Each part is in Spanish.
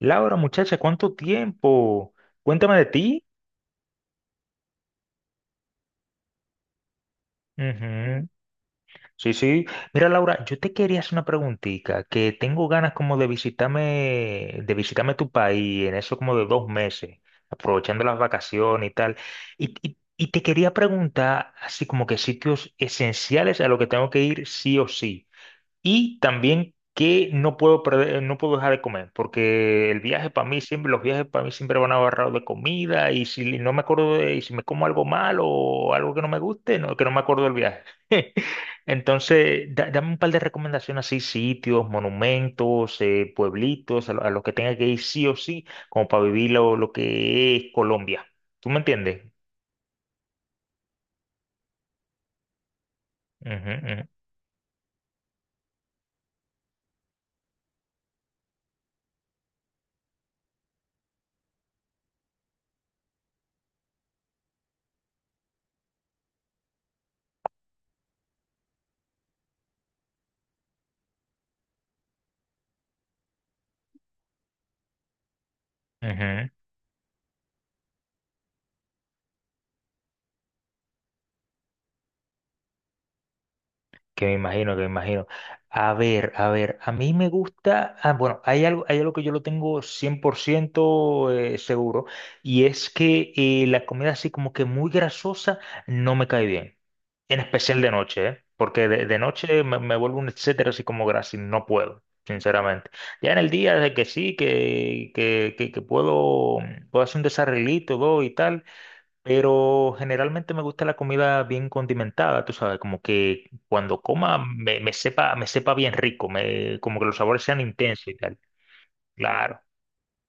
Laura, muchacha, ¿cuánto tiempo? Cuéntame de ti. Ujú. Sí, sí. Mira, Laura, yo te quería hacer una preguntita, que tengo ganas como de visitarme tu país en eso como de dos meses, aprovechando las vacaciones y tal. Y te quería preguntar así como que sitios esenciales a los que tengo que ir sí o sí. Y también que no puedo perder, no puedo dejar de comer, porque el viaje para mí siempre, los viajes para mí siempre van agarrados de comida y si no me acuerdo de, y si me como algo malo o algo que no me guste, no, que no me acuerdo del viaje. Entonces, dame un par de recomendaciones así, sitios, monumentos, pueblitos, a los que tenga que ir sí o sí, como para vivir lo que es Colombia. ¿Tú me entiendes? Ujú, ujú. Que me imagino, que me imagino. A ver, a ver, a mí me gusta, ah, bueno, hay algo que yo lo tengo 100% seguro, y es que la comida así como que muy grasosa no me cae bien, en especial de noche, ¿eh? Porque de noche me vuelvo un etcétera así como grasa y no puedo, sinceramente. Ya en el día de que sí, que puedo, puedo hacer un desarreglito, todo y tal, pero generalmente me gusta la comida bien condimentada, tú sabes, como que cuando coma me sepa bien rico, me, como que los sabores sean intensos y tal. Claro.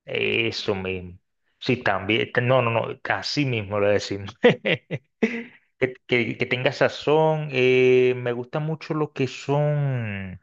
Eso mismo. Sí, también. No, no, no. Así mismo lo decimos. Que tenga sazón. Eh, me gusta mucho lo que son.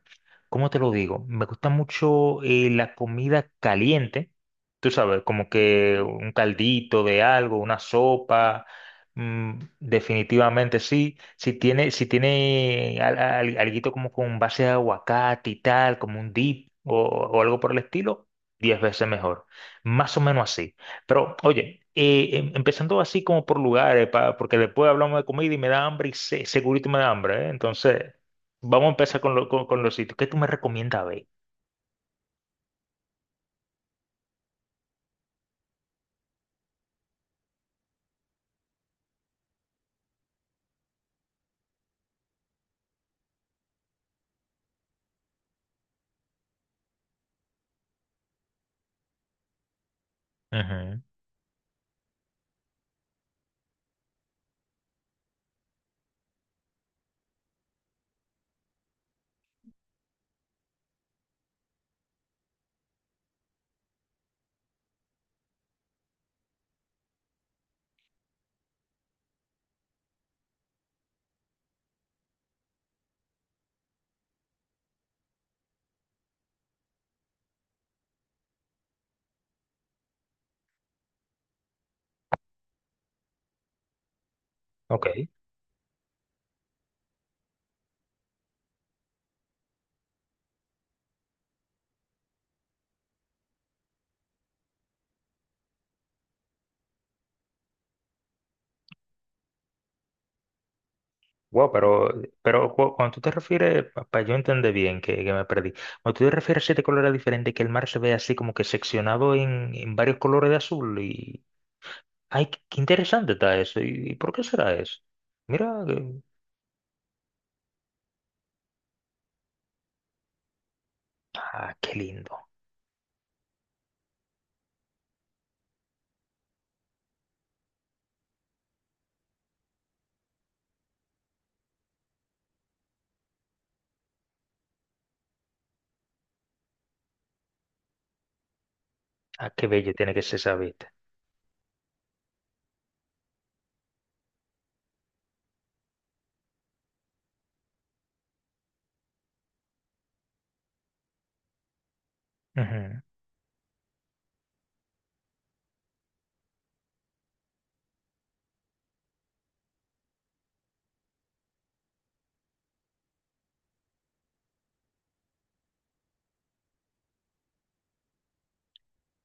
¿Cómo te lo digo? Me gusta mucho la comida caliente. Tú sabes, como que un caldito de algo, una sopa. Mm, definitivamente sí. Si tiene, si tiene alguito como con base de aguacate y tal, como un dip o algo por el estilo. Diez veces mejor. Más o menos así. Pero, oye, empezando así como por lugares, porque después hablamos de comida y me da hambre y segurito me da hambre, ¿eh? Entonces, vamos a empezar con, con los sitios. ¿Qué tú me recomiendas ver? Ujú. Ok. Wow, pero, cuando tú te refieres, para yo entender bien que me perdí, cuando tú te refieres a siete colores diferentes, que el mar se ve así como que seccionado en varios colores de azul y... ¡Ay, qué qué interesante está eso! Y por qué será eso? Mira, ah, qué lindo. Ah, qué bello tiene que ser esa vista. Ujú.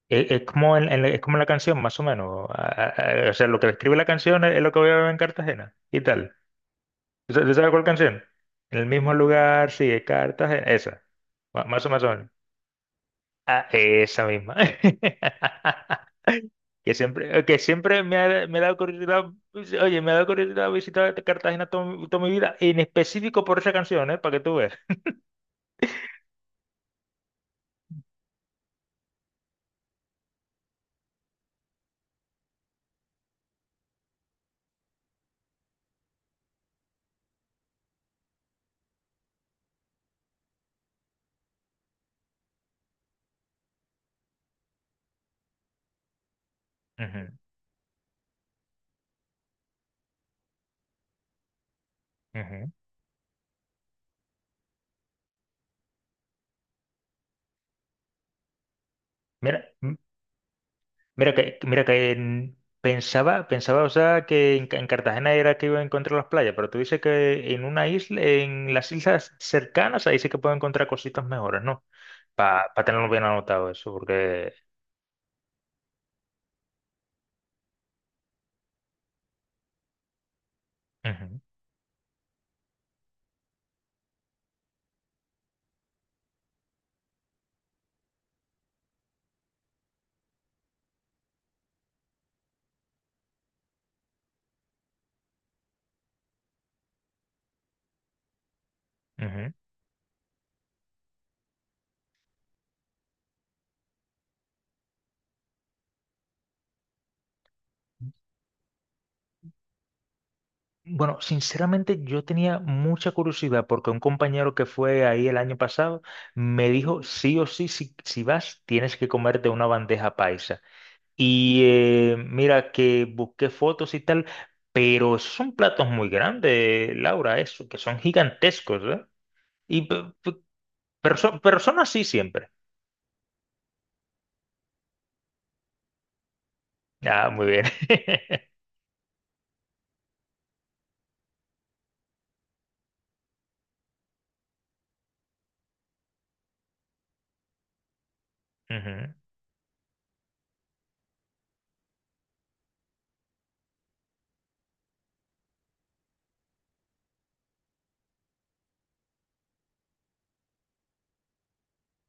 Es como es como la canción, más o menos. Ah, ah, ah, o sea, lo que describe la canción es lo que voy a ver en Cartagena y tal. ¿Tú tú sabes cuál canción? En el mismo lugar, sigue Cartagena. Esa. Más o más o menos. Ah, esa misma. Que siempre me ha dado curiosidad, oye, me ha dado curiosidad visitar Cartagena toda, mi vida, en específico por esa canción, ¿eh? Para que tú veas. Ujú, ujú. Mira, mira que, mira que pensaba, pensaba, o sea, que en, en Cartagena era que iba a encontrar las playas, pero tú dices que en una isla, en las islas cercanas, ahí sí que puedo encontrar cositas mejores, ¿no? Para tenerlo bien anotado eso, porque... Ujú, ujú. Bueno, sinceramente yo tenía mucha curiosidad porque un compañero que fue ahí el año pasado me dijo, sí o sí, si vas, tienes que comerte una bandeja paisa. Y mira que busqué fotos y tal, pero esos son platos muy grandes, Laura, eso, que son gigantescos, ¿eh? Y personas sí siempre. Ah, muy bien. Ujú.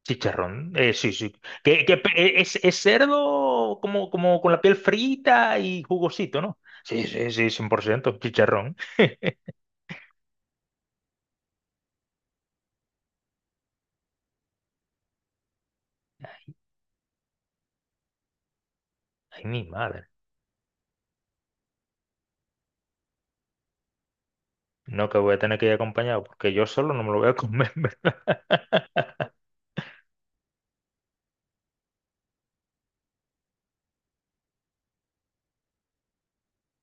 Chicharrón, sí, sí. Que, es cerdo como, como con la piel frita y jugosito, ¿no? Sí, sí, sí, 100% chicharrón. Ay, mi madre. No, que voy a tener que ir acompañado porque yo solo no me lo voy a comer.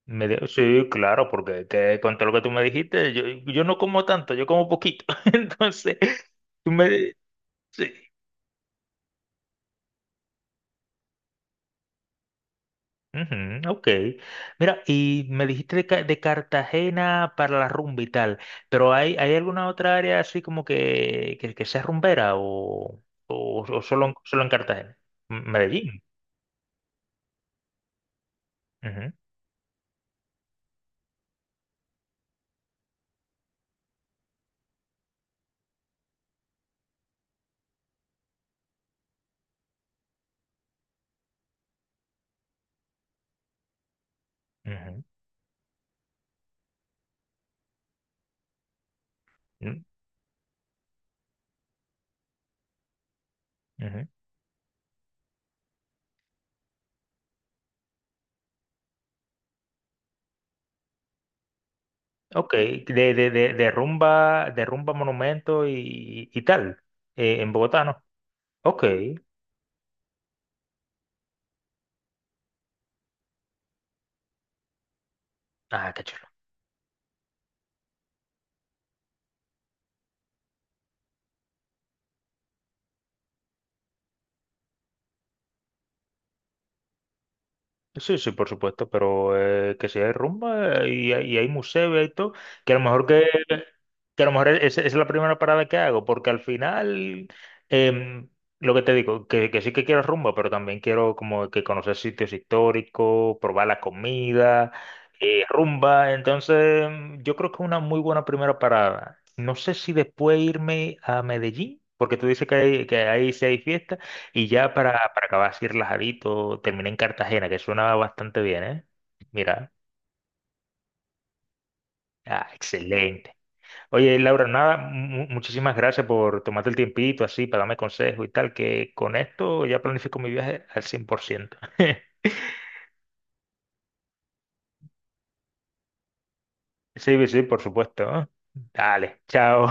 Sí, claro, porque que con todo lo que tú me dijiste, yo no como tanto, yo como poquito. Entonces, tú me... Sí. Ujú, ok. Mira, y me dijiste de, de Cartagena para la rumba y tal, pero ¿hay, hay alguna otra área así como que sea rumbera o solo, solo en Cartagena? Medellín. Ujú, ujú, mm, ujú. Ok, de rumba monumento y tal, en Bogotá, ¿no? Ok. Ah, qué chulo. Sí, sí, por supuesto, pero que si hay rumba y hay museo y hay todo, que a lo mejor que a lo mejor es la primera parada que hago, porque al final, em, lo que te digo, que sí que quiero rumba, pero también quiero como que conocer sitios históricos, probar la comida, rumba, entonces mm, yo creo que es una muy buena primera parada. No sé si después irme a Medellín, porque tú dices que, que ahí sí hay fiesta. Y ya para acabar así relajadito, terminé en Cartagena, que suena bastante bien, ¿eh? Mira, ah, excelente. Oye, Laura, nada, muchísimas gracias por tomarte el tiempito así para darme consejos y tal, que con esto ya planifico mi viaje al cien por ciento. Sí, sí, por supuesto. ¿No? Dale, chao.